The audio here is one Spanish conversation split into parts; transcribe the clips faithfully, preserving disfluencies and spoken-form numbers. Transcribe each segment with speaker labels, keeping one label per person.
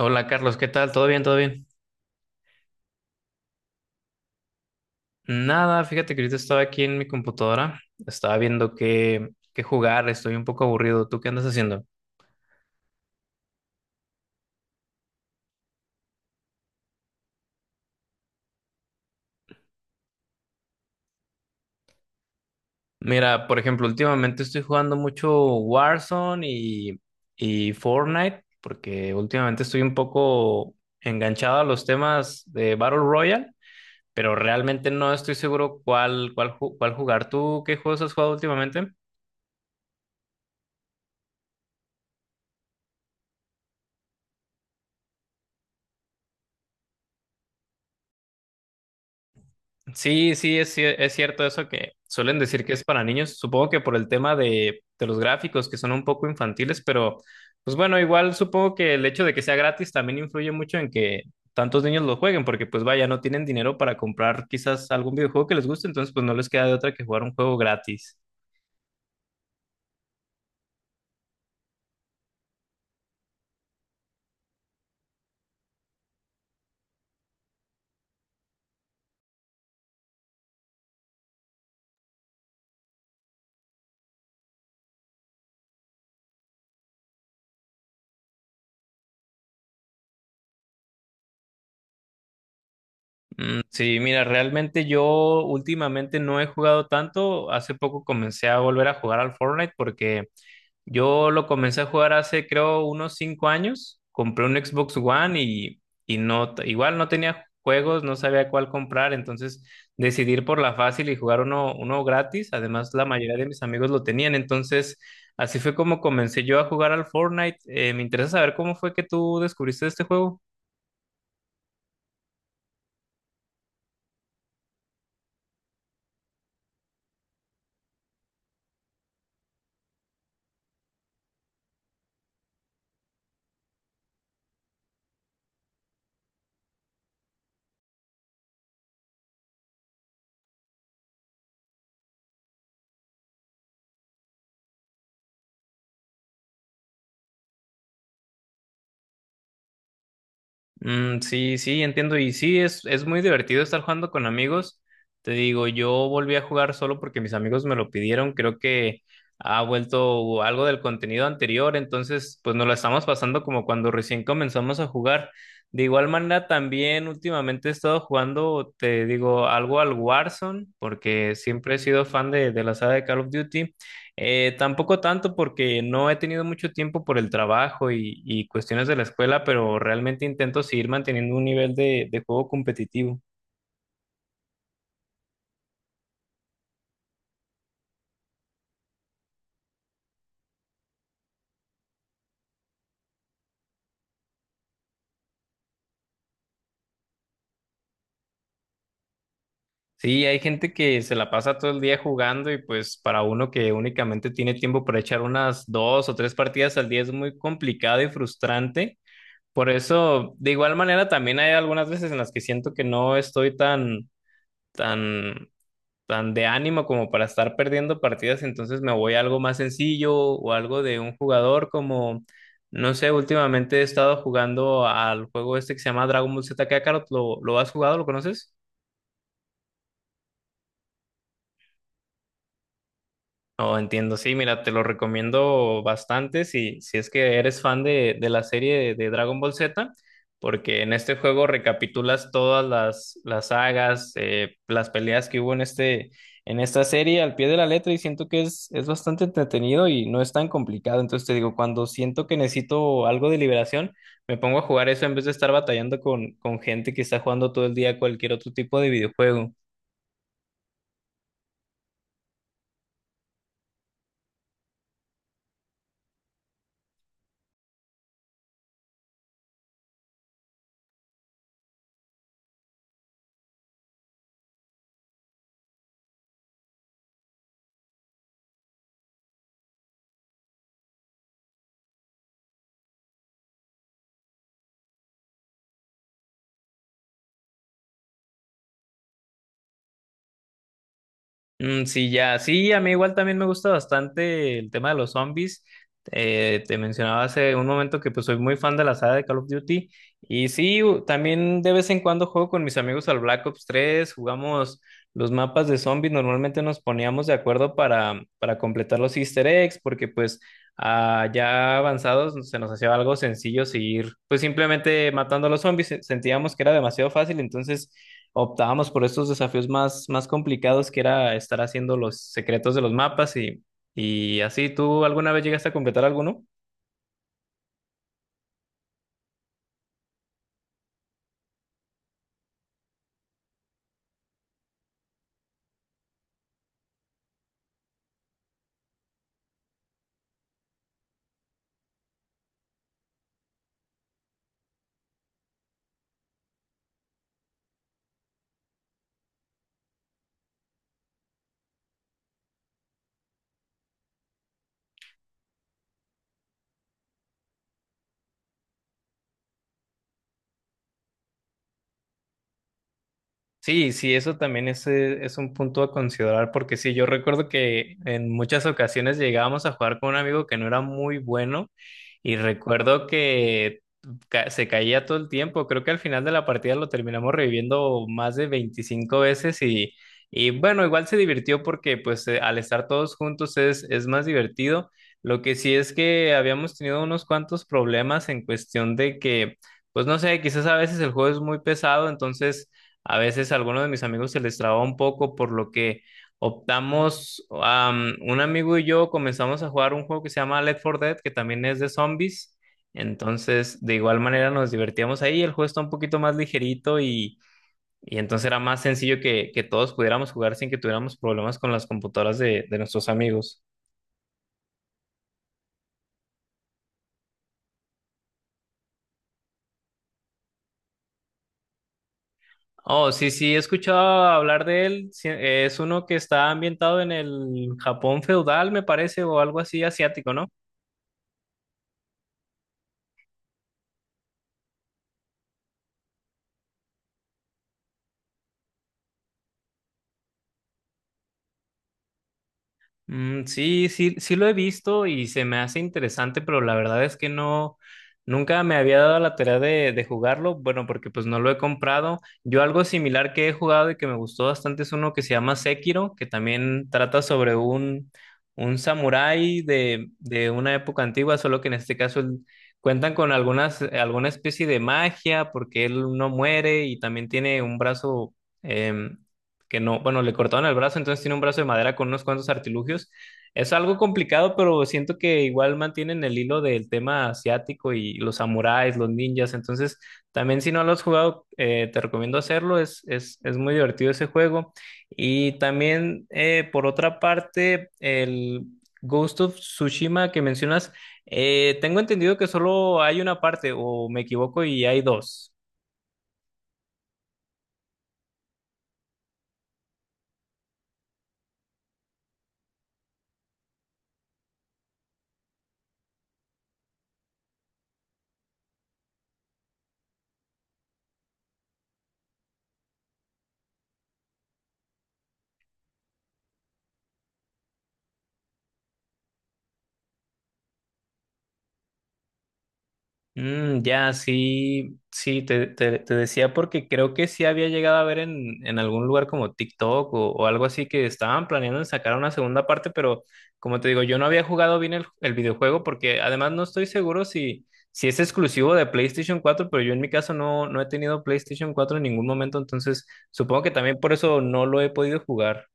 Speaker 1: Hola Carlos, ¿qué tal? ¿Todo bien? ¿Todo bien? Nada, fíjate que ahorita estaba aquí en mi computadora, estaba viendo qué, qué jugar, estoy un poco aburrido. ¿Tú qué andas haciendo? Mira, por ejemplo, últimamente estoy jugando mucho Warzone y, y Fortnite, porque últimamente estoy un poco enganchado a los temas de Battle Royale, pero realmente no estoy seguro cuál, cuál, ju- cuál jugar. ¿Tú qué juegos has jugado últimamente? Sí, sí, es, cier- es cierto eso que suelen decir que es para niños, supongo que por el tema de, de los gráficos que son un poco infantiles, pero pues bueno, igual supongo que el hecho de que sea gratis también influye mucho en que tantos niños lo jueguen, porque pues vaya, no tienen dinero para comprar quizás algún videojuego que les guste, entonces pues no les queda de otra que jugar un juego gratis. Mm, sí, mira, realmente yo últimamente no he jugado tanto. Hace poco comencé a volver a jugar al Fortnite porque yo lo comencé a jugar hace creo unos cinco años. Compré un Xbox One y, y no, t- igual no tenía juegos, no sabía cuál comprar, entonces decidí ir por la fácil y jugar uno, uno gratis. Además, la mayoría de mis amigos lo tenían, entonces así fue como comencé yo a jugar al Fortnite. Eh, me interesa saber cómo fue que tú descubriste este juego. Mm, sí, sí, entiendo. Y sí, es, es muy divertido estar jugando con amigos. Te digo, yo volví a jugar solo porque mis amigos me lo pidieron. Creo que ha vuelto algo del contenido anterior. Entonces, pues nos lo estamos pasando como cuando recién comenzamos a jugar. De igual manera, también últimamente he estado jugando, te digo, algo al Warzone, porque siempre he sido fan de, de la saga de Call of Duty. Eh, tampoco tanto porque no he tenido mucho tiempo por el trabajo y, y cuestiones de la escuela, pero realmente intento seguir manteniendo un nivel de, de juego competitivo. Sí, hay gente que se la pasa todo el día jugando y pues para uno que únicamente tiene tiempo para echar unas dos o tres partidas al día es muy complicado y frustrante. Por eso, de igual manera, también hay algunas veces en las que siento que no estoy tan, tan tan de ánimo como para estar perdiendo partidas, entonces me voy a algo más sencillo o algo de un jugador como, no sé, últimamente he estado jugando al juego este que se llama Dragon Ball Z Kakarot, ¿lo, lo has jugado? ¿Lo conoces? No, entiendo, sí, mira, te lo recomiendo bastante si, si es que eres fan de, de la serie de Dragon Ball Z, porque en este juego recapitulas todas las, las sagas, eh, las peleas que hubo en este, en esta serie al pie de la letra y siento que es, es bastante entretenido y no es tan complicado. Entonces te digo, cuando siento que necesito algo de liberación, me pongo a jugar eso en vez de estar batallando con, con gente que está jugando todo el día cualquier otro tipo de videojuego. Mm, sí, ya, sí, a mí igual también me gusta bastante el tema de los zombies. Eh, te mencionaba hace un momento que pues soy muy fan de la saga de Call of Duty y sí, u- también de vez en cuando juego con mis amigos al Black Ops tres. Jugamos los mapas de zombies, normalmente nos poníamos de acuerdo para, para completar los Easter eggs porque pues ah, ya avanzados se nos hacía algo sencillo seguir pues simplemente matando a los zombies, se- sentíamos que era demasiado fácil, entonces optábamos por estos desafíos más, más complicados que era estar haciendo los secretos de los mapas y, y así. ¿Tú alguna vez llegaste a completar alguno? Sí, sí, eso también es, eh, es un punto a considerar, porque sí, yo recuerdo que en muchas ocasiones llegábamos a jugar con un amigo que no era muy bueno y recuerdo que ca- se caía todo el tiempo. Creo que al final de la partida lo terminamos reviviendo más de veinticinco veces y, y bueno, igual se divirtió porque pues eh, al estar todos juntos es, es más divertido. Lo que sí es que habíamos tenido unos cuantos problemas en cuestión de que, pues no sé, quizás a veces el juego es muy pesado, entonces a veces a algunos de mis amigos se les traba un poco, por lo que optamos, am, un amigo y yo comenzamos a jugar un juego que se llama Left four Dead, que también es de zombies. Entonces, de igual manera nos divertíamos ahí. El juego está un poquito más ligerito y, y entonces era más sencillo que, que todos pudiéramos jugar sin que tuviéramos problemas con las computadoras de, de nuestros amigos. Oh, sí, sí, he escuchado hablar de él. Sí, es uno que está ambientado en el Japón feudal, me parece, o algo así asiático, ¿no? Mm, sí, sí, sí lo he visto y se me hace interesante, pero la verdad es que no, nunca me había dado la tarea de, de jugarlo, bueno, porque pues no lo he comprado. Yo algo similar que he jugado y que me gustó bastante es uno que se llama Sekiro, que también trata sobre un, un samurái de, de una época antigua, solo que en este caso él- cuentan con algunas, alguna especie de magia, porque él no muere y también tiene un brazo. Em, que no, bueno, le cortaron el brazo, entonces tiene un brazo de madera con unos cuantos artilugios. Es algo complicado, pero siento que igual mantienen el hilo del tema asiático y los samuráis, los ninjas. Entonces, también si no lo has jugado, eh, te recomiendo hacerlo. Es, es, es muy divertido ese juego. Y también, eh, por otra parte, el Ghost of Tsushima que mencionas, eh, tengo entendido que solo hay una parte, o me equivoco, y hay dos. Mm, ya, sí, sí, te, te- te decía porque creo que sí había llegado a ver en, en algún lugar como TikTok o, o algo así que estaban planeando en sacar una segunda parte, pero como te digo, yo no había jugado bien el, el videojuego porque además no estoy seguro si, si es exclusivo de PlayStation cuatro, pero yo en mi caso no, no he tenido PlayStation cuatro en ningún momento, entonces supongo que también por eso no lo he podido jugar.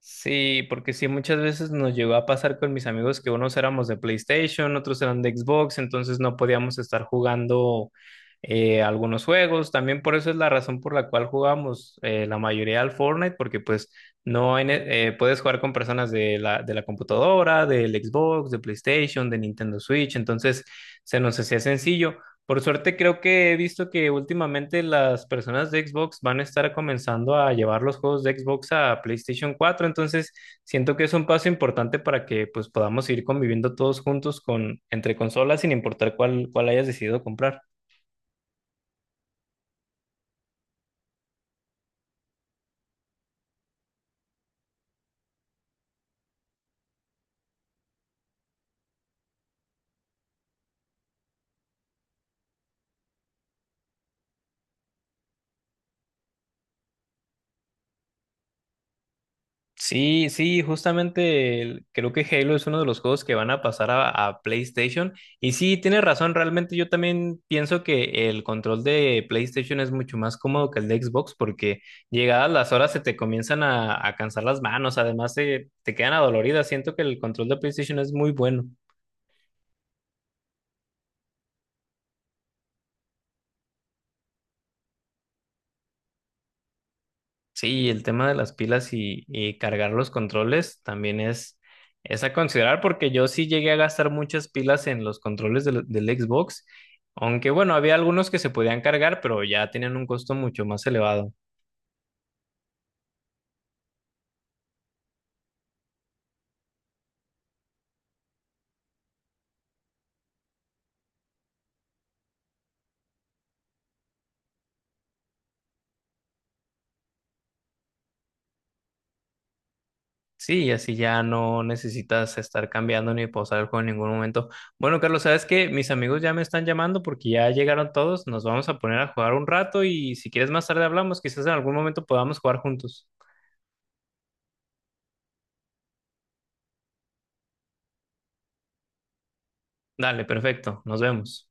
Speaker 1: Sí, porque sí, muchas veces nos llegó a pasar con mis amigos que unos éramos de PlayStation, otros eran de Xbox, entonces no podíamos estar jugando eh, algunos juegos. También por eso es la razón por la cual jugamos eh, la mayoría al Fortnite, porque pues no hay ne- eh, puedes jugar con personas de la, de la computadora, del Xbox, de PlayStation, de Nintendo Switch, entonces se nos hacía sencillo. Por suerte creo que he visto que últimamente las personas de Xbox van a estar comenzando a llevar los juegos de Xbox a PlayStation cuatro, entonces siento que es un paso importante para que pues podamos ir conviviendo todos juntos con entre consolas sin importar cuál cuál hayas decidido comprar. Sí, sí, justamente el- creo que Halo es uno de los juegos que van a pasar a, a PlayStation. Y sí, tienes razón, realmente yo también pienso que el control de PlayStation es mucho más cómodo que el de Xbox porque llegadas las horas se te comienzan a, a cansar las manos, además se- te quedan adoloridas. Siento que el control de PlayStation es muy bueno. Sí, el tema de las pilas y, y cargar los controles también es, es a considerar porque yo sí llegué a gastar muchas pilas en los controles del, del Xbox, aunque bueno, había algunos que se podían cargar, pero ya tenían un costo mucho más elevado. Sí, y así ya no necesitas estar cambiando ni pausar el juego en ningún momento. Bueno, Carlos, sabes que mis amigos ya me están llamando porque ya llegaron todos, nos vamos a poner a jugar un rato y si quieres más tarde hablamos, quizás en algún momento podamos jugar juntos. Dale, perfecto, nos vemos.